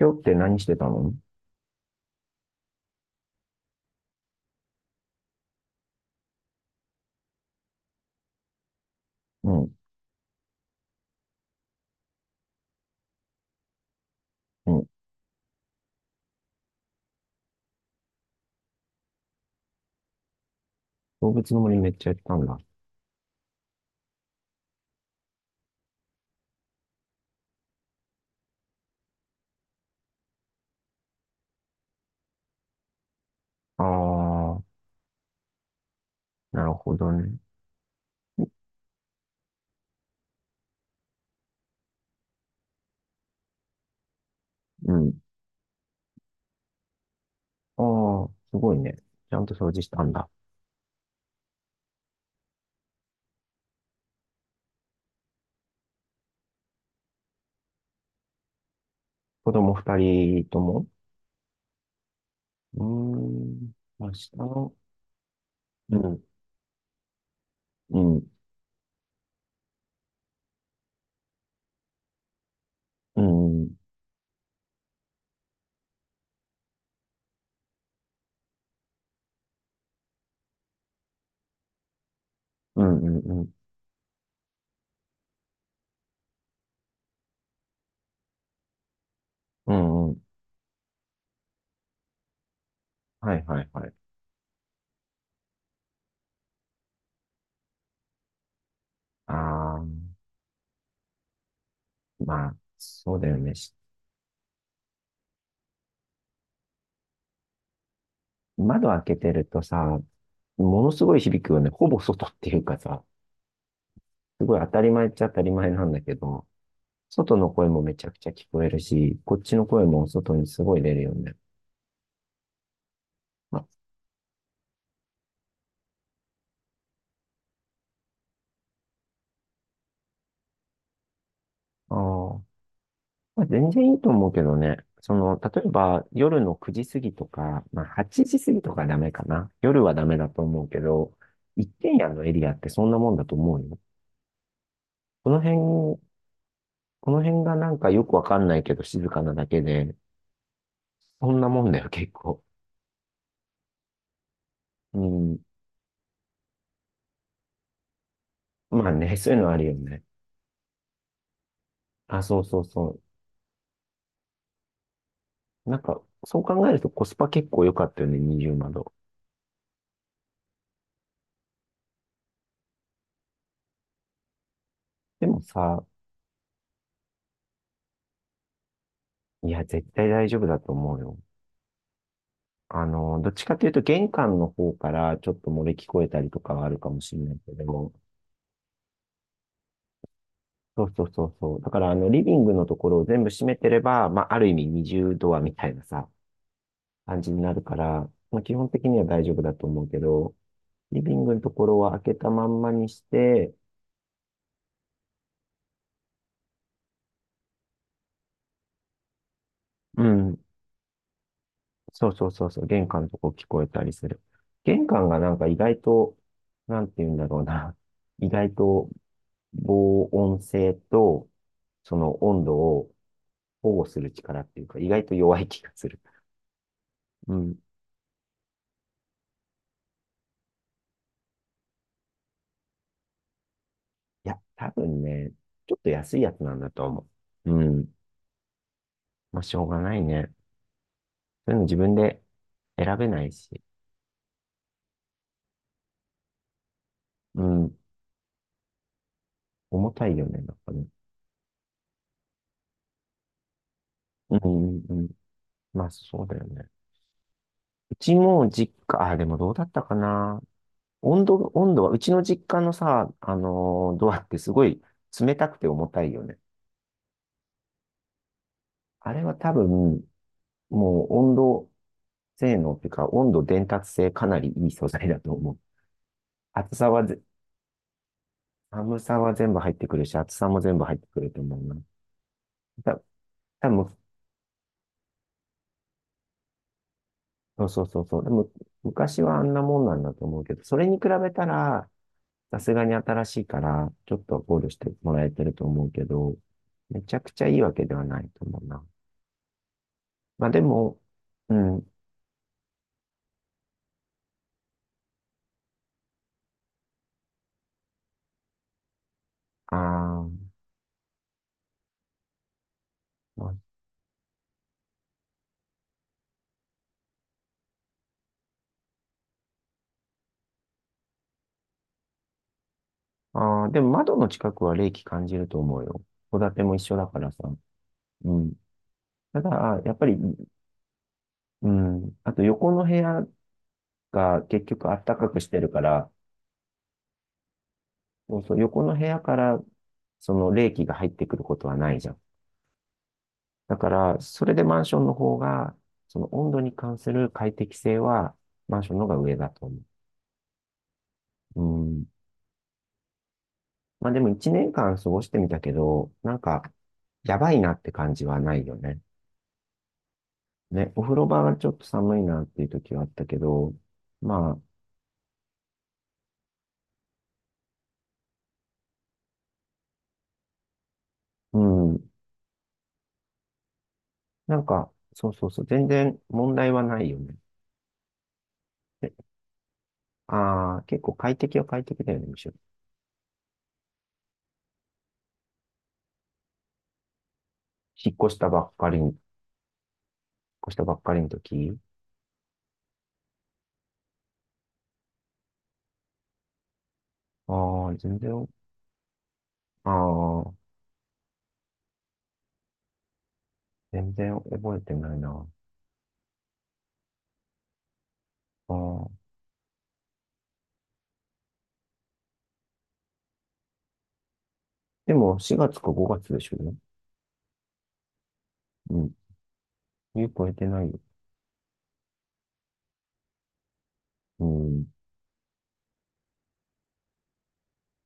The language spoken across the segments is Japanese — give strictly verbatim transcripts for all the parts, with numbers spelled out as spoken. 今日って何してたの？うん、うん。動物の森めっちゃやったんだ。あー、なるほどね。うん。あー、すごいね。ちゃんと掃除したんだ。子供二人とも？うーん、明日の、うん、うん、うん、うん、うん、うん、うん、うん。はい、はい、はい。あー、まあ、そうだよね。し窓開けてるとさ、ものすごい響くよね。ほぼ外っていうかさ、すごい当たり前っちゃ当たり前なんだけど、外の声もめちゃくちゃ聞こえるし、こっちの声も外にすごい出るよね。ああー、まあ、全然いいと思うけどね。その、例えば夜のくじ過ぎとか、まあはちじ過ぎとかダメかな。夜はダメだと思うけど、一軒家のエリアってそんなもんだと思うよ。この辺、この辺がなんかよくわかんないけど静かなだけで、そんなもんだよ、結構。うん。まあね、そういうのあるよね。あ、そうそうそう。なんか、そう考えるとコスパ結構良かったよね、二重窓。でもさ、いや、絶対大丈夫だと思うよ。あの、どっちかというと玄関の方からちょっと漏れ聞こえたりとかはあるかもしれないけど、そうそうそうそう。だからあの、リビングのところを全部閉めてれば、まあ、ある意味二重ドアみたいなさ、感じになるから、まあ、基本的には大丈夫だと思うけど、リビングのところは開けたまんまにして、うん、そうそうそうそう、玄関のとこ聞こえたりする。玄関がなんか意外と、なんて言うんだろうな。意外と防音性と、その温度を保護する力っていうか、意外と弱い気がする。うん。いや、多分ね、ちょっと安いやつなんだと思う。うん。まあ、しょうがないね。そういうの自分で選べないし。うん。重たいよね、なんかね。うん、うん、うん。まあ、そうだよね。うちも実家、あ、でもどうだったかな。温度、温度は、うちの実家のさ、あのードアってすごい冷たくて重たいよね。あれは多分、もう温度性能っていうか、温度伝達性かなりいい素材だと思う。厚さはぜ、寒さは全部入ってくるし、厚さも全部入ってくると思うな。た、多分、そうそうそうそう。でも、昔はあんなもんなんだと思うけど、それに比べたら、さすがに新しいから、ちょっと考慮してもらえてると思うけど、めちゃくちゃいいわけではないと思うな。まあでも、うん、あー、まあ、ああでも窓の近くは冷気感じると思うよ。戸建ても一緒だからさ。うん。ただ、やっぱり、うん。あと横の部屋が結局暖かくしてるから、そうそう、横の部屋からその冷気が入ってくることはないじゃん。だから、それでマンションの方が、その温度に関する快適性はマンションの方が上だと思う。うん。まあでも一年間過ごしてみたけど、なんか、やばいなって感じはないよね。ね、お風呂場がちょっと寒いなっていう時はあったけど、まあ、うん、なんか、そうそうそう、全然問題はないよね。でああ、結構快適は快適だよね、むしろ。引っ越したばっかりに、引っ越したばっかりの時。ああ、全然、ああ、全然覚えてないな。ああ、でもしがつかごがつでしょうね。うん。冬超えてないよ。うん。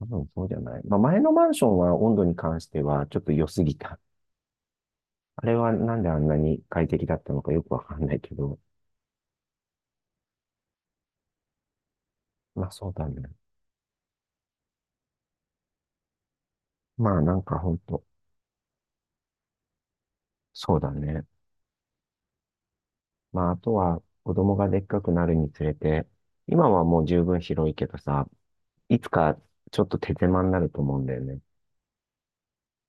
多分そうじゃない。まあ前のマンションは温度に関してはちょっと良すぎた。あれはなんであんなに快適だったのかよくわかんないけど、まあそうだね。まあなんかほんと、そうだね。まああとは子供がでっかくなるにつれて、今はもう十分広いけどさ、いつかちょっと手狭になると思うんだよね。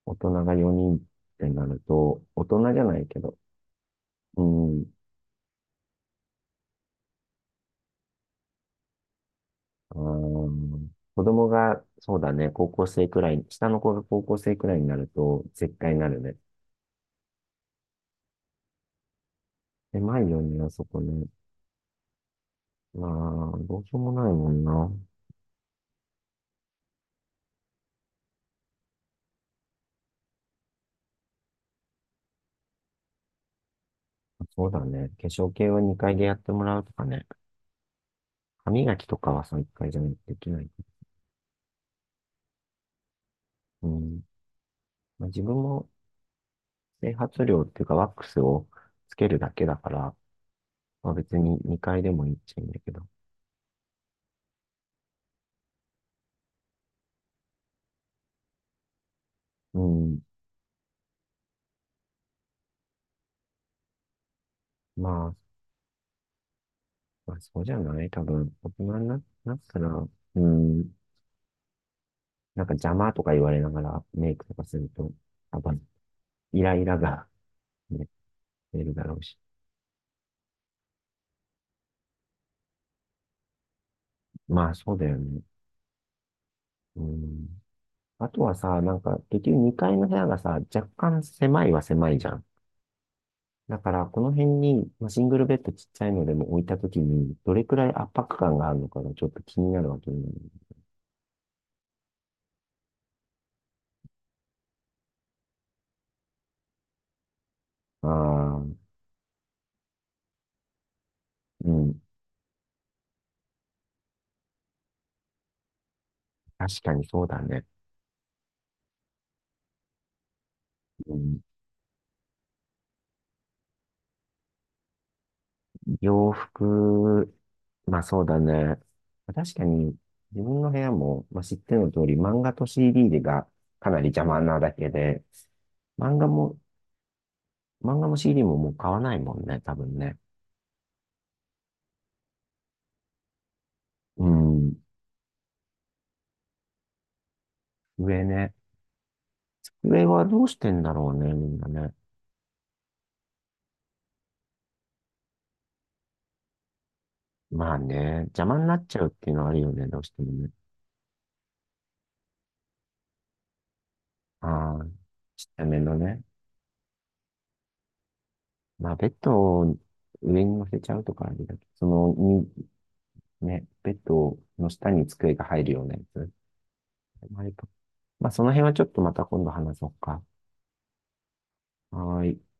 大人がよにんってなると、大人じゃないけど、うん、あー、子供が、そうだね、高校生くらい、下の子が高校生くらいになると、絶対なるね。狭いよね、あそこね。まあ、どうしようもないもんな。そうだね。化粧系はにかいでやってもらうとかね。歯磨きとかはさんかいじゃないとできない。うん。まあ、自分も整髪料っていうかワックスをつけるだけだから、まあ、別ににかいでもいいっちゃいいんだけど。うん。まあ、まあ、そうじゃない多分、大人にな、なったら、うん。なんか邪魔とか言われながらメイクとかすると、多分、イライラが、ね、出るだろうし。まあ、そうだよね。うん。あとはさ、なんか、結局にかいの部屋がさ、若干狭いは狭いじゃん。だから、この辺に、まあ、シングルベッドちっちゃいのでも置いたときに、どれくらい圧迫感があるのかがちょっと気になるわけね。ああ、うん。確かにそうだね。うん、洋服、まあそうだね。確かに、自分の部屋も、まあ、知っての通り、漫画と シーディー がかなり邪魔なだけで、漫画も、漫画も シーディー ももう買わないもんね、多分ね。うん。上ね。上はどうしてんだろうね、みんなね。まあね、邪魔になっちゃうっていうのはあるよね、どうしてもね。ああ、ちっちゃめのね。まあ、ベッドを上に乗せちゃうとかあれだけど、その、に、ね、ベッドの下に机が入るようなやつ。まあ、やっぱまあその辺はちょっとまた今度話そうか。はーい。